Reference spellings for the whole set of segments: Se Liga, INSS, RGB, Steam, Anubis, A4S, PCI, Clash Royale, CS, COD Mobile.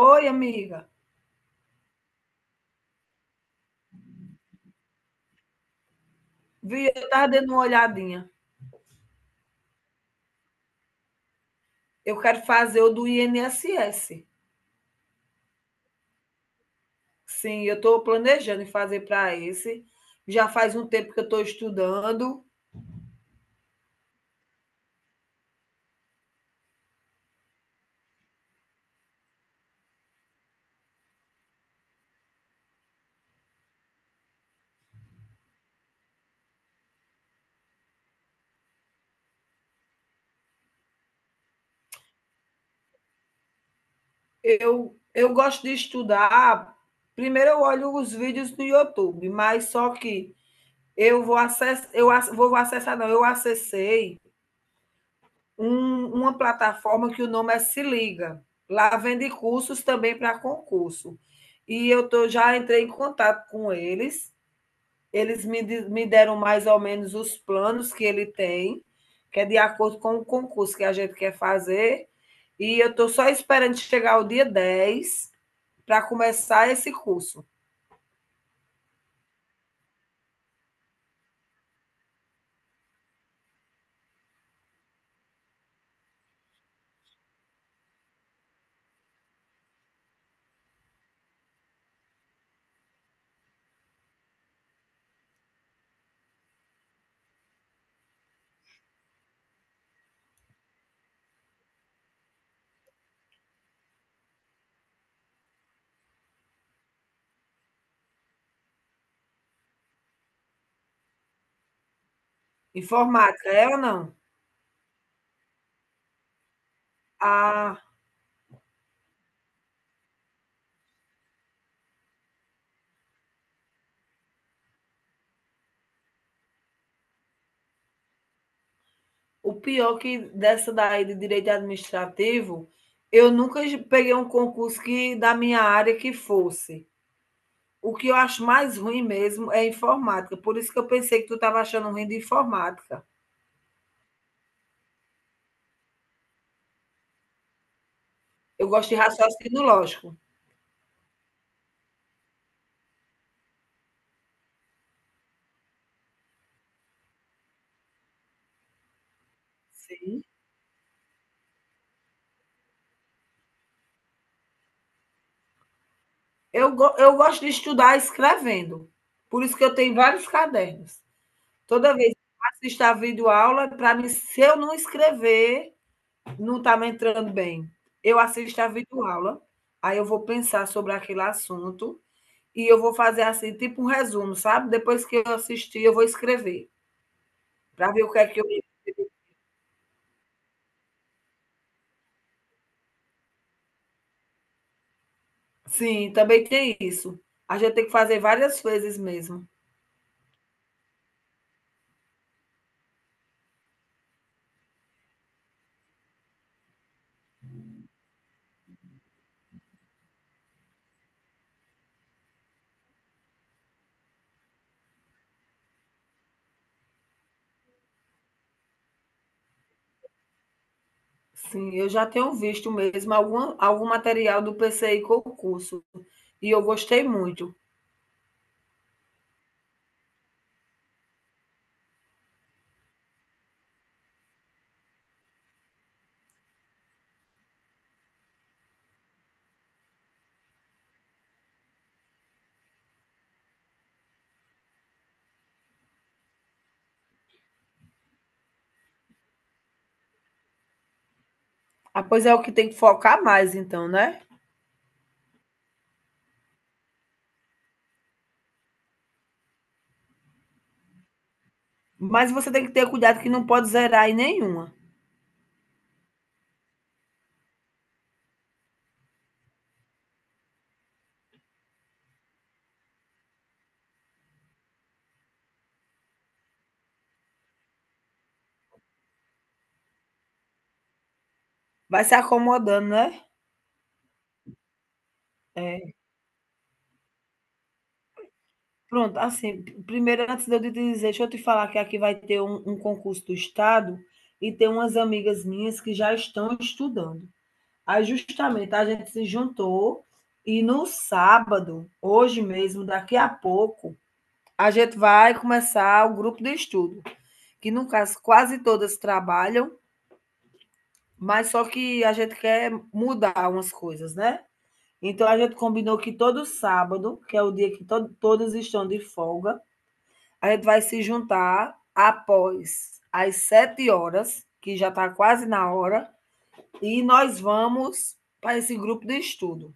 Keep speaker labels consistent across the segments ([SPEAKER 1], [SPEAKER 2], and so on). [SPEAKER 1] Oi, amiga. Vi, eu estava dando uma olhadinha. Eu quero fazer o do INSS. Sim, eu estou planejando em fazer para esse. Já faz um tempo que eu estou estudando. Eu gosto de estudar. Primeiro eu olho os vídeos no YouTube, mas só que eu vou acessar, eu ac- vou acessar, não, eu acessei uma plataforma que o nome é Se Liga. Lá vende cursos também para concurso. E eu tô, já entrei em contato com eles, me deram mais ou menos os planos que ele tem, que é de acordo com o concurso que a gente quer fazer. E eu estou só esperando chegar o dia 10 para começar esse curso. Informática, é ou não? Ah, o pior que dessa daí de direito administrativo, eu nunca peguei um concurso que da minha área que fosse. O que eu acho mais ruim mesmo é informática. Por isso que eu pensei que tu estava achando ruim de informática. Eu gosto de raciocínio lógico. Sim. Eu gosto de estudar escrevendo, por isso que eu tenho vários cadernos. Toda vez que eu assisto a videoaula, para mim, se eu não escrever, não está me entrando bem. Eu assisto a videoaula, aí eu vou pensar sobre aquele assunto e eu vou fazer assim, tipo um resumo, sabe? Depois que eu assistir, eu vou escrever, para ver o que é que eu. Sim, também tem isso. A gente tem que fazer várias vezes mesmo. Sim, eu já tenho visto mesmo algum material do PCI concurso e eu gostei muito. Ah, pois é o que tem que focar mais, então, né? Mas você tem que ter cuidado que não pode zerar em nenhuma. Vai se acomodando, né? É. Pronto, assim, primeiro, antes de eu te dizer, deixa eu te falar que aqui vai ter um concurso do Estado e tem umas amigas minhas que já estão estudando. Aí, justamente, a gente se juntou e no sábado, hoje mesmo, daqui a pouco, a gente vai começar o grupo de estudo, que no caso quase todas trabalham, mas só que a gente quer mudar umas coisas, né? Então a gente combinou que todo sábado, que é o dia que to todas estão de folga, a gente vai se juntar após as 7 horas, que já está quase na hora, e nós vamos para esse grupo de estudo.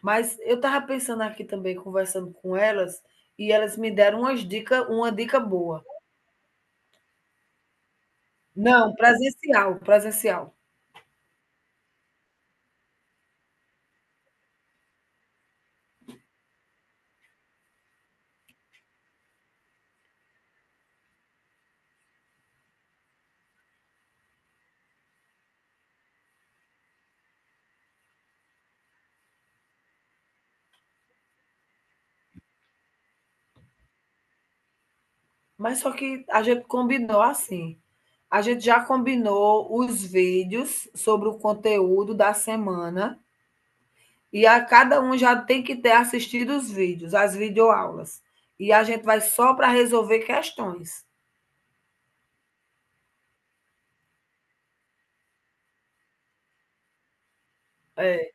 [SPEAKER 1] Mas eu estava pensando aqui também, conversando com elas, e elas me deram umas dicas, uma dica boa. Não, presencial, presencial. Mas só que a gente combinou assim, a gente já combinou os vídeos sobre o conteúdo da semana e a cada um já tem que ter assistido os vídeos, as videoaulas. E a gente vai só para resolver questões. É,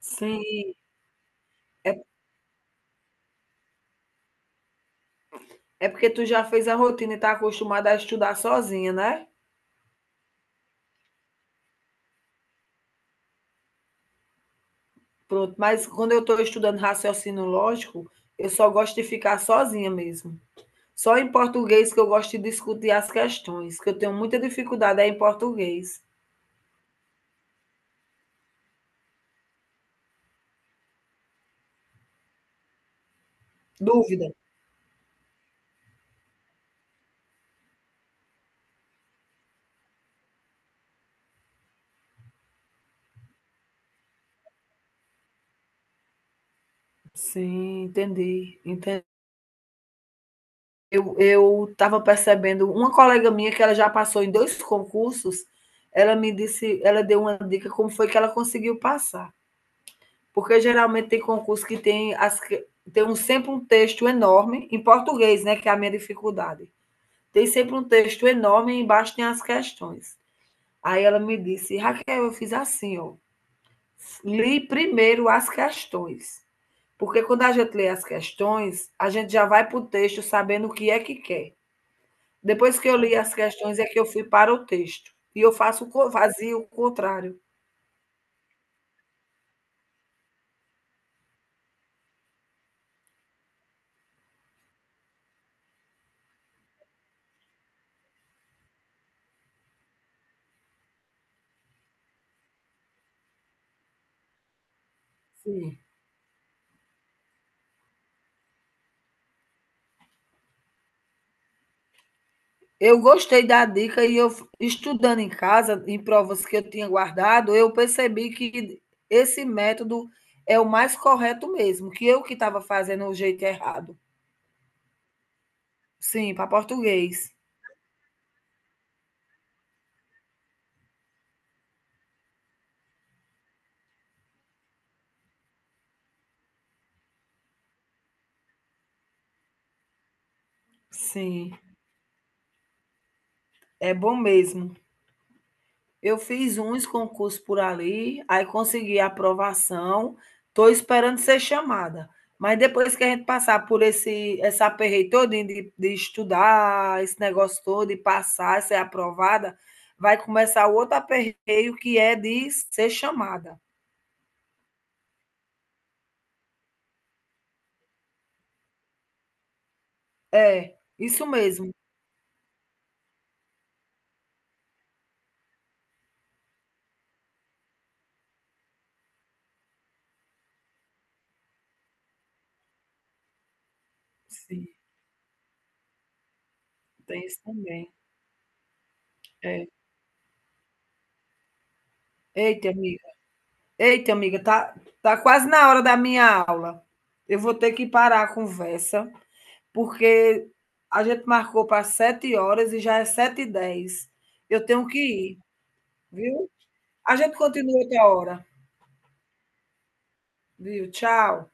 [SPEAKER 1] sim. É porque tu já fez a rotina e está acostumada a estudar sozinha, né? Pronto, mas quando eu estou estudando raciocínio lógico, eu só gosto de ficar sozinha mesmo. Só em português que eu gosto de discutir as questões, que eu tenho muita dificuldade é em português. Dúvida. Sim, entendi, entendi. Eu estava percebendo uma colega minha que ela já passou em 2 concursos, ela me disse ela deu uma dica como foi que ela conseguiu passar, porque geralmente tem concurso que tem as que tem um sempre um texto enorme, em português, né, que é a minha dificuldade. Tem sempre um texto enorme e embaixo tem as questões. Aí ela me disse: "Raquel, eu fiz assim ó, li primeiro as questões. Porque quando a gente lê as questões, a gente já vai para o texto sabendo o que é que quer. Depois que eu li as questões, é que eu fui para o texto. E eu faço o fazia o contrário." Sim, Eu gostei da dica e eu, estudando em casa, em provas que eu tinha guardado, eu percebi que esse método é o mais correto mesmo, que eu que estava fazendo o jeito errado. Sim, para português. Sim, é bom mesmo. Eu fiz uns concursos por ali, aí consegui a aprovação, estou esperando ser chamada. Mas depois que a gente passar por esse essa aperreio todinho de estudar, esse negócio todo, de passar, ser aprovada, vai começar o outro aperreio que é de ser chamada. É, isso mesmo. Sim, tem isso também. É. Eita, amiga. Eita, amiga, tá, quase na hora da minha aula. Eu vou ter que parar a conversa, porque a gente marcou para 7 horas e já é sete h 10. Eu tenho que ir, viu? A gente continua outra hora, viu? Tchau.